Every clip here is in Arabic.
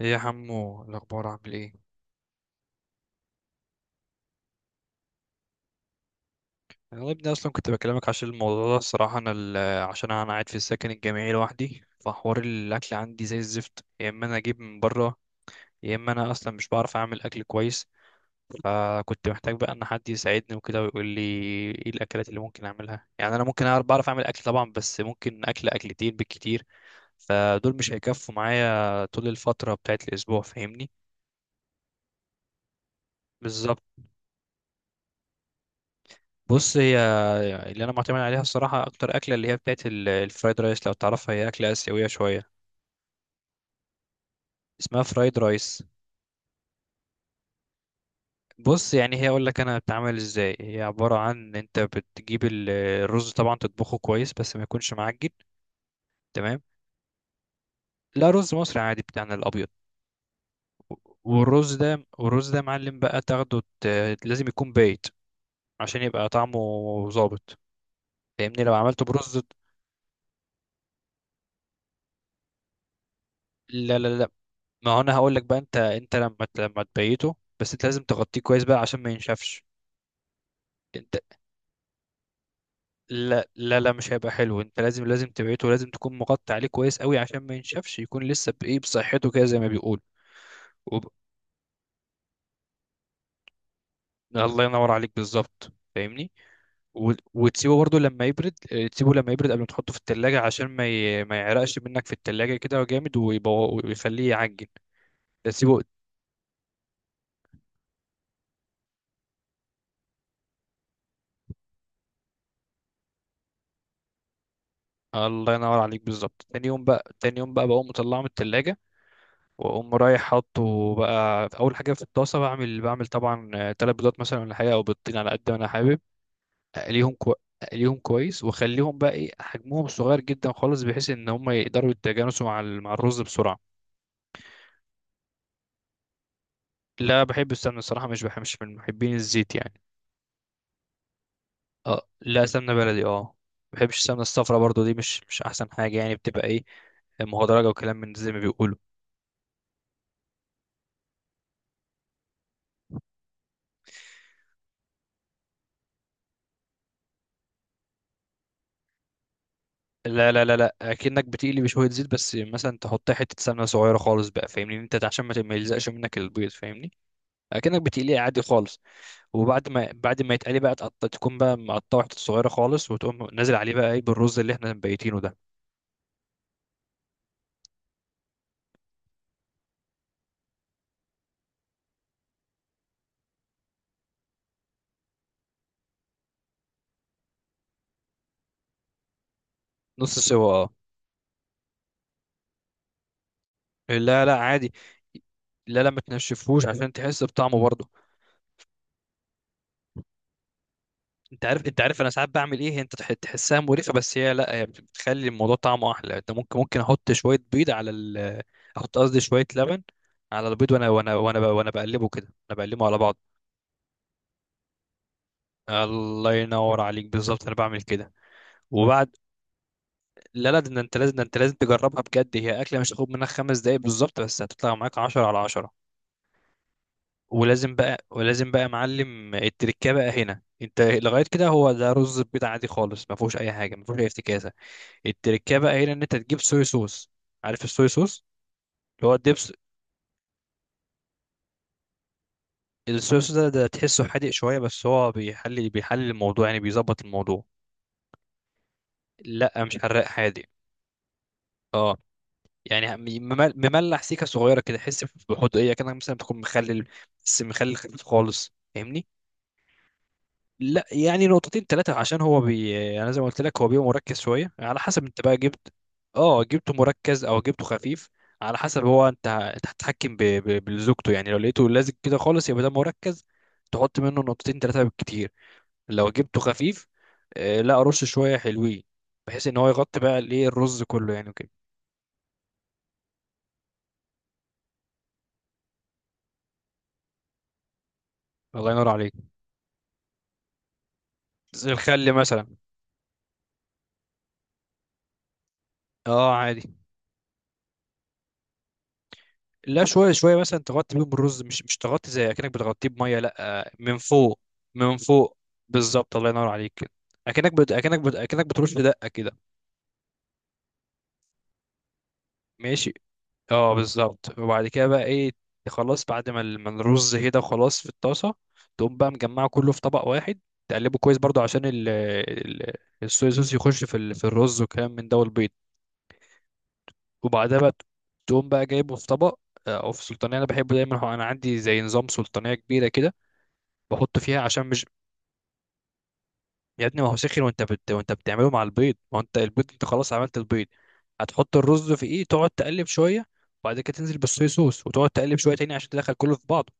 ايه يا حمو، الاخبار عامل ايه؟ انا يا ابني اصلا كنت بكلمك عشان الموضوع ده. الصراحه انا عشان انا قاعد في السكن الجامعي لوحدي، فحوار الاكل عندي زي الزفت، يا اما انا اجيب من بره، يا اما انا اصلا مش بعرف اعمل اكل كويس. فكنت محتاج بقى ان حد يساعدني وكده ويقول لي ايه الاكلات اللي ممكن اعملها. يعني انا ممكن بعرف اعمل اكل طبعا، بس ممكن اكل اكلتين بالكتير، فدول مش هيكفوا معايا طول الفتره بتاعت الاسبوع، فاهمني؟ بالظبط. بص، هي اللي انا معتمد عليها الصراحه اكتر اكله اللي هي بتاعت الفرايد رايس، لو تعرفها هي اكله اسيويه شويه. اسمها فرايد رايس. بص يعني هي، اقول لك انا بتعمل ازاي. هي عباره عن انت بتجيب الرز طبعا، تطبخه كويس بس ما يكونش معجن، تمام. لا، رز مصري عادي بتاعنا الابيض. والرز ده معلم بقى، تاخده، لازم يكون بايت، عشان يبقى طعمه ظابط، فاهمني لو عملته برز. لا لا لا، ما هو انا هقول لك بقى. انت لما تبيته، بس انت لازم تغطيه كويس بقى عشان ما ينشفش. انت؟ لا لا لا، مش هيبقى حلو. انت لازم تبيته، ولازم تكون مغطي عليه كويس قوي عشان ما ينشفش، يكون لسه بايه بصحته كده زي ما بيقول. وب... الله ينور عليك، بالظبط، فاهمني. وتسيبه برضو لما يبرد. اه، تسيبه لما يبرد قبل ما تحطه في التلاجة، عشان ما يعرقش منك في التلاجة كده جامد، ويخليه يعجن، تسيبه. الله ينور عليك بالظبط. تاني يوم بقى بقوم مطلعه من التلاجة، واقوم رايح حاطه بقى في اول حاجه في الطاسه. بعمل طبعا تلات بيضات مثلا ولا حاجه، او بيضتين على قد ما انا حابب. اقليهم كو... اقليهم كويس، واخليهم بقى ايه، حجمهم صغير جدا خالص بحيث ان هم يقدروا يتجانسوا مع مع الرز بسرعه. لا، بحب السمنه الصراحه، مش بحب، مش من محبين الزيت يعني. اه، لا، سمنه بلدي، اه. ما بحبش السمنه الصفرا برضو، دي مش احسن حاجه يعني، بتبقى ايه، مهدرجه وكلام من زي ما بيقولوا. لا لا لا لا، اكنك بتقلي بشويه زيت بس، مثلا تحط حته سمنه صغيره خالص بقى، فاهمني، إن انت عشان ما يلزقش منك البيض، فاهمني، اكنك بتقليه عادي خالص. وبعد ما، بعد ما يتقلي بقى، تكون بقى مقطعه حته صغيره خالص، وتقوم نازل عليه بقى ايه، بالرز اللي احنا مبيتينه ده. نص سوا، اه. لا لا، عادي. لا لا، ما تنشفهوش عشان تحس بطعمه برضه. انت عارف انا ساعات بعمل ايه؟ انت تحسها مريخه، بس هي، لا، هي بتخلي الموضوع طعمه احلى. انت ممكن احط شويه بيض على ال احط قصدي شويه لبن على البيض، وانا بقلبه كده، انا بقلبه على بعض. الله ينور عليك، بالظبط، انا بعمل كده. وبعد. لا لا، ده انت لازم تجربها بجد. هي اكله مش هتاخد منك خمس دقايق بالظبط، بس هتطلع معاك 10 على 10. ولازم بقى يا معلم، التركه بقى هنا. انت لغايه كده هو ده رز بيض عادي خالص، ما فيهوش اي حاجه، ما فيهوش اي افتكاسه. التركية بقى هنا، ان انت تجيب صويا صوص. عارف الصويا صوص؟ اللي هو الدبس. الصويا صوص ده تحسه حادق شوية، بس هو بيحل الموضوع، يعني بيظبط الموضوع. لا، مش حراق، حادق. اه، يعني مملح، سيكة صغيرة كده، تحس بحدقية كده، مثلا بتكون مخلل، بس مخلل خفيف خالص، فاهمني. لا يعني نقطتين ثلاثة، عشان هو انا زي ما قلت لك، هو بيبقى مركز شوية، على حسب انت بقى جبت. اه، جبته مركز او جبته خفيف. على حسب هو، انت هتتحكم بزوجته يعني. لو لقيته لازق كده خالص يبقى ده مركز، تحط منه نقطتين ثلاثة بالكتير. لو جبته خفيف، آه لا، رش شوية حلوين، بحيث ان هو يغطي بقى الايه، الرز كله يعني وكده. الله ينور عليك. زي الخل مثلا. اه، عادي. لا، شويه شويه مثلا، تغطي بيهم الرز، مش تغطي زي اكنك بتغطيه بميه، لا، من فوق. من فوق، بالظبط، الله ينور عليك كده. اكنك بترش دقه كده. ماشي. اه، بالظبط. وبعد كده بقى ايه؟ خلاص، بعد ما ما الرز كده خلاص في الطاسه، تقوم بقى مجمعه كله في طبق واحد، تقلبه كويس برضو عشان الصويا صوص يخش في في الرز وكلام من ده، والبيض. وبعدها بقى تقوم بقى جايبه في طبق، او في سلطانيه. انا بحبه دايما، هو انا عندي زي نظام سلطانيه كبيره كده بحط فيها عشان مش. يا ابني، ما هو سخن، وانت بتعمله مع البيض، ما هو انت البيض انت خلاص عملت البيض، هتحط الرز في ايه، تقعد تقلب شويه. وبعد كده تنزل بالصويا صوص، وتقعد تقلب شويه تاني عشان تدخل كله في بعضه.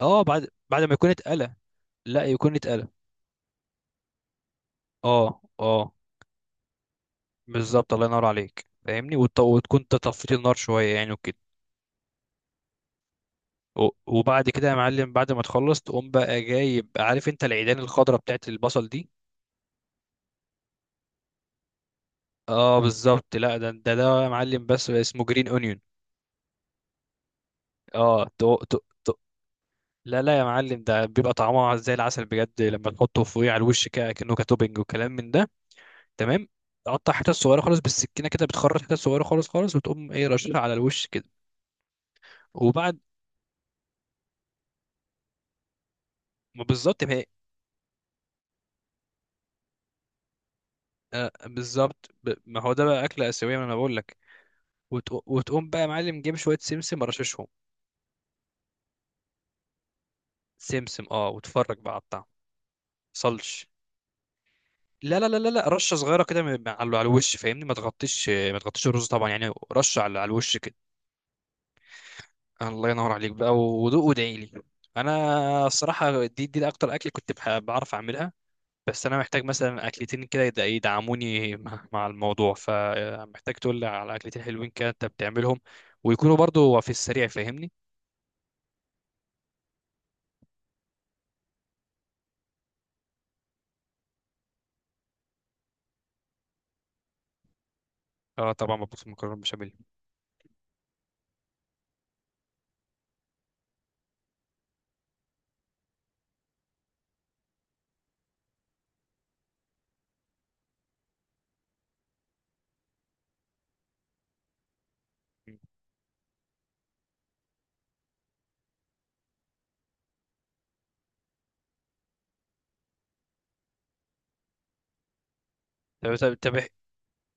اه، بعد ما يكون اتقلى، لا، يكون اتقلى. اه اه، بالظبط، الله ينور عليك فاهمني. وتكون أنت طفيت النار شويه يعني وكده. وبعد كده يا معلم، بعد ما تخلص تقوم بقى جايب، عارف انت العيدان الخضراء بتاعت البصل دي؟ اه، بالظبط، لا، ده يا معلم بس، اسمه جرين اونيون. اه، تو تو تو. لا لا يا معلم، ده بيبقى طعمها زي العسل بجد، لما تحطه فوقيه على الوش كده، كأنه كتوبنج وكلام من ده، تمام. تقطع حتت صغيره خالص بالسكينه كده، بتخرط حتت صغيره خالص خالص، وتقوم ايه، رشها على الوش كده. وبعد ما، بالظبط، ما هي، بالظبط، ما هو ده بقى اكله اسيويه، ما انا بقول لك. وتقوم بقى يا معلم، جيب شويه سمسم رششهم. سمسم، اه، وتفرج بقى على الطعم صلش. لا لا لا لا لا، رشه صغيره كده، على على الوش، فاهمني؟ ما تغطيش الرز طبعا يعني، رشه على على الوش. الله ينور عليك بقى، ودوق وادعي لي. انا الصراحه دي اكتر اكل كنت بعرف اعملها. بس انا محتاج مثلا اكلتين كده يدعموني مع الموضوع، فمحتاج تقول لي على اكلتين حلوين كده انت بتعملهم، ويكونوا برضو في السريع، فاهمني. اه طبعا، مبسوط مكرونه بشاميل. مم. طب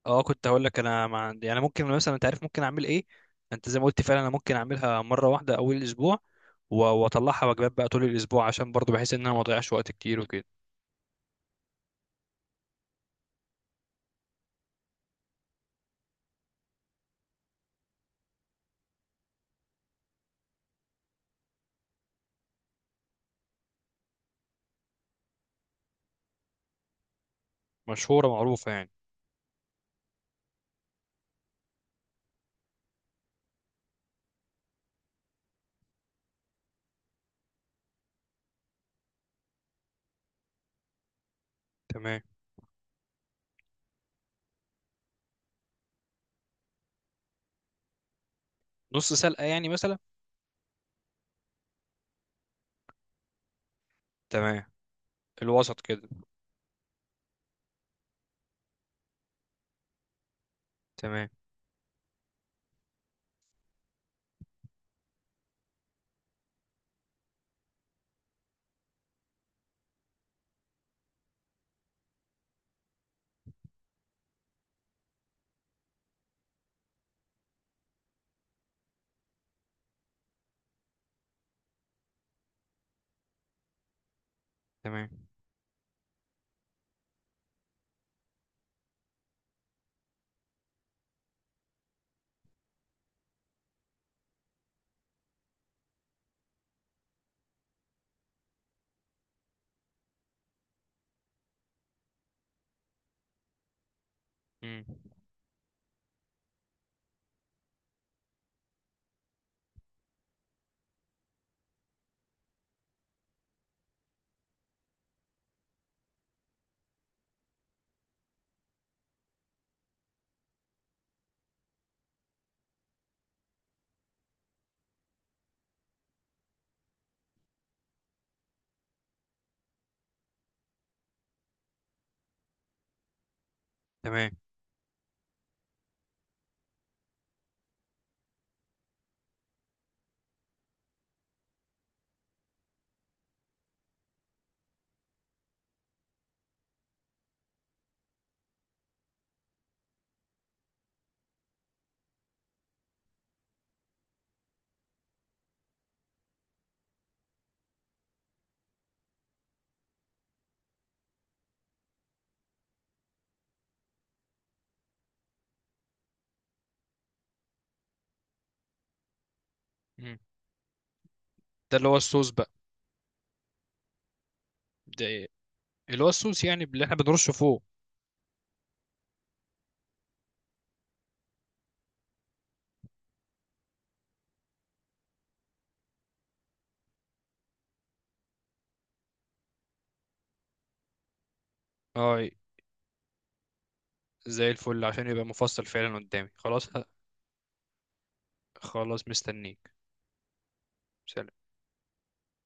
اه، كنت هقول لك انا، مع يعني، ممكن مثلا، انت عارف ممكن اعمل ايه. انت زي ما قلت فعلا، انا ممكن اعملها مره واحده اول الاسبوع، واطلعها وجبات بقى طول الاسبوع، عشان برضو بحيث ان انا ما اضيعش وقت كتير وكده. مشهوره معروفه يعني. تمام. نص سلقة يعني مثلا. تمام، الوسط كده. تمام. تمام. مم. تمام. مم. ده اللي هو الصوص بقى. ده ايه؟ اللي هو الصوص يعني، اللي احنا بنرشه فوق. اه، زي الفل، عشان يبقى مفصل فعلا قدامي، خلاص. خلاص، مستنيك. سلام.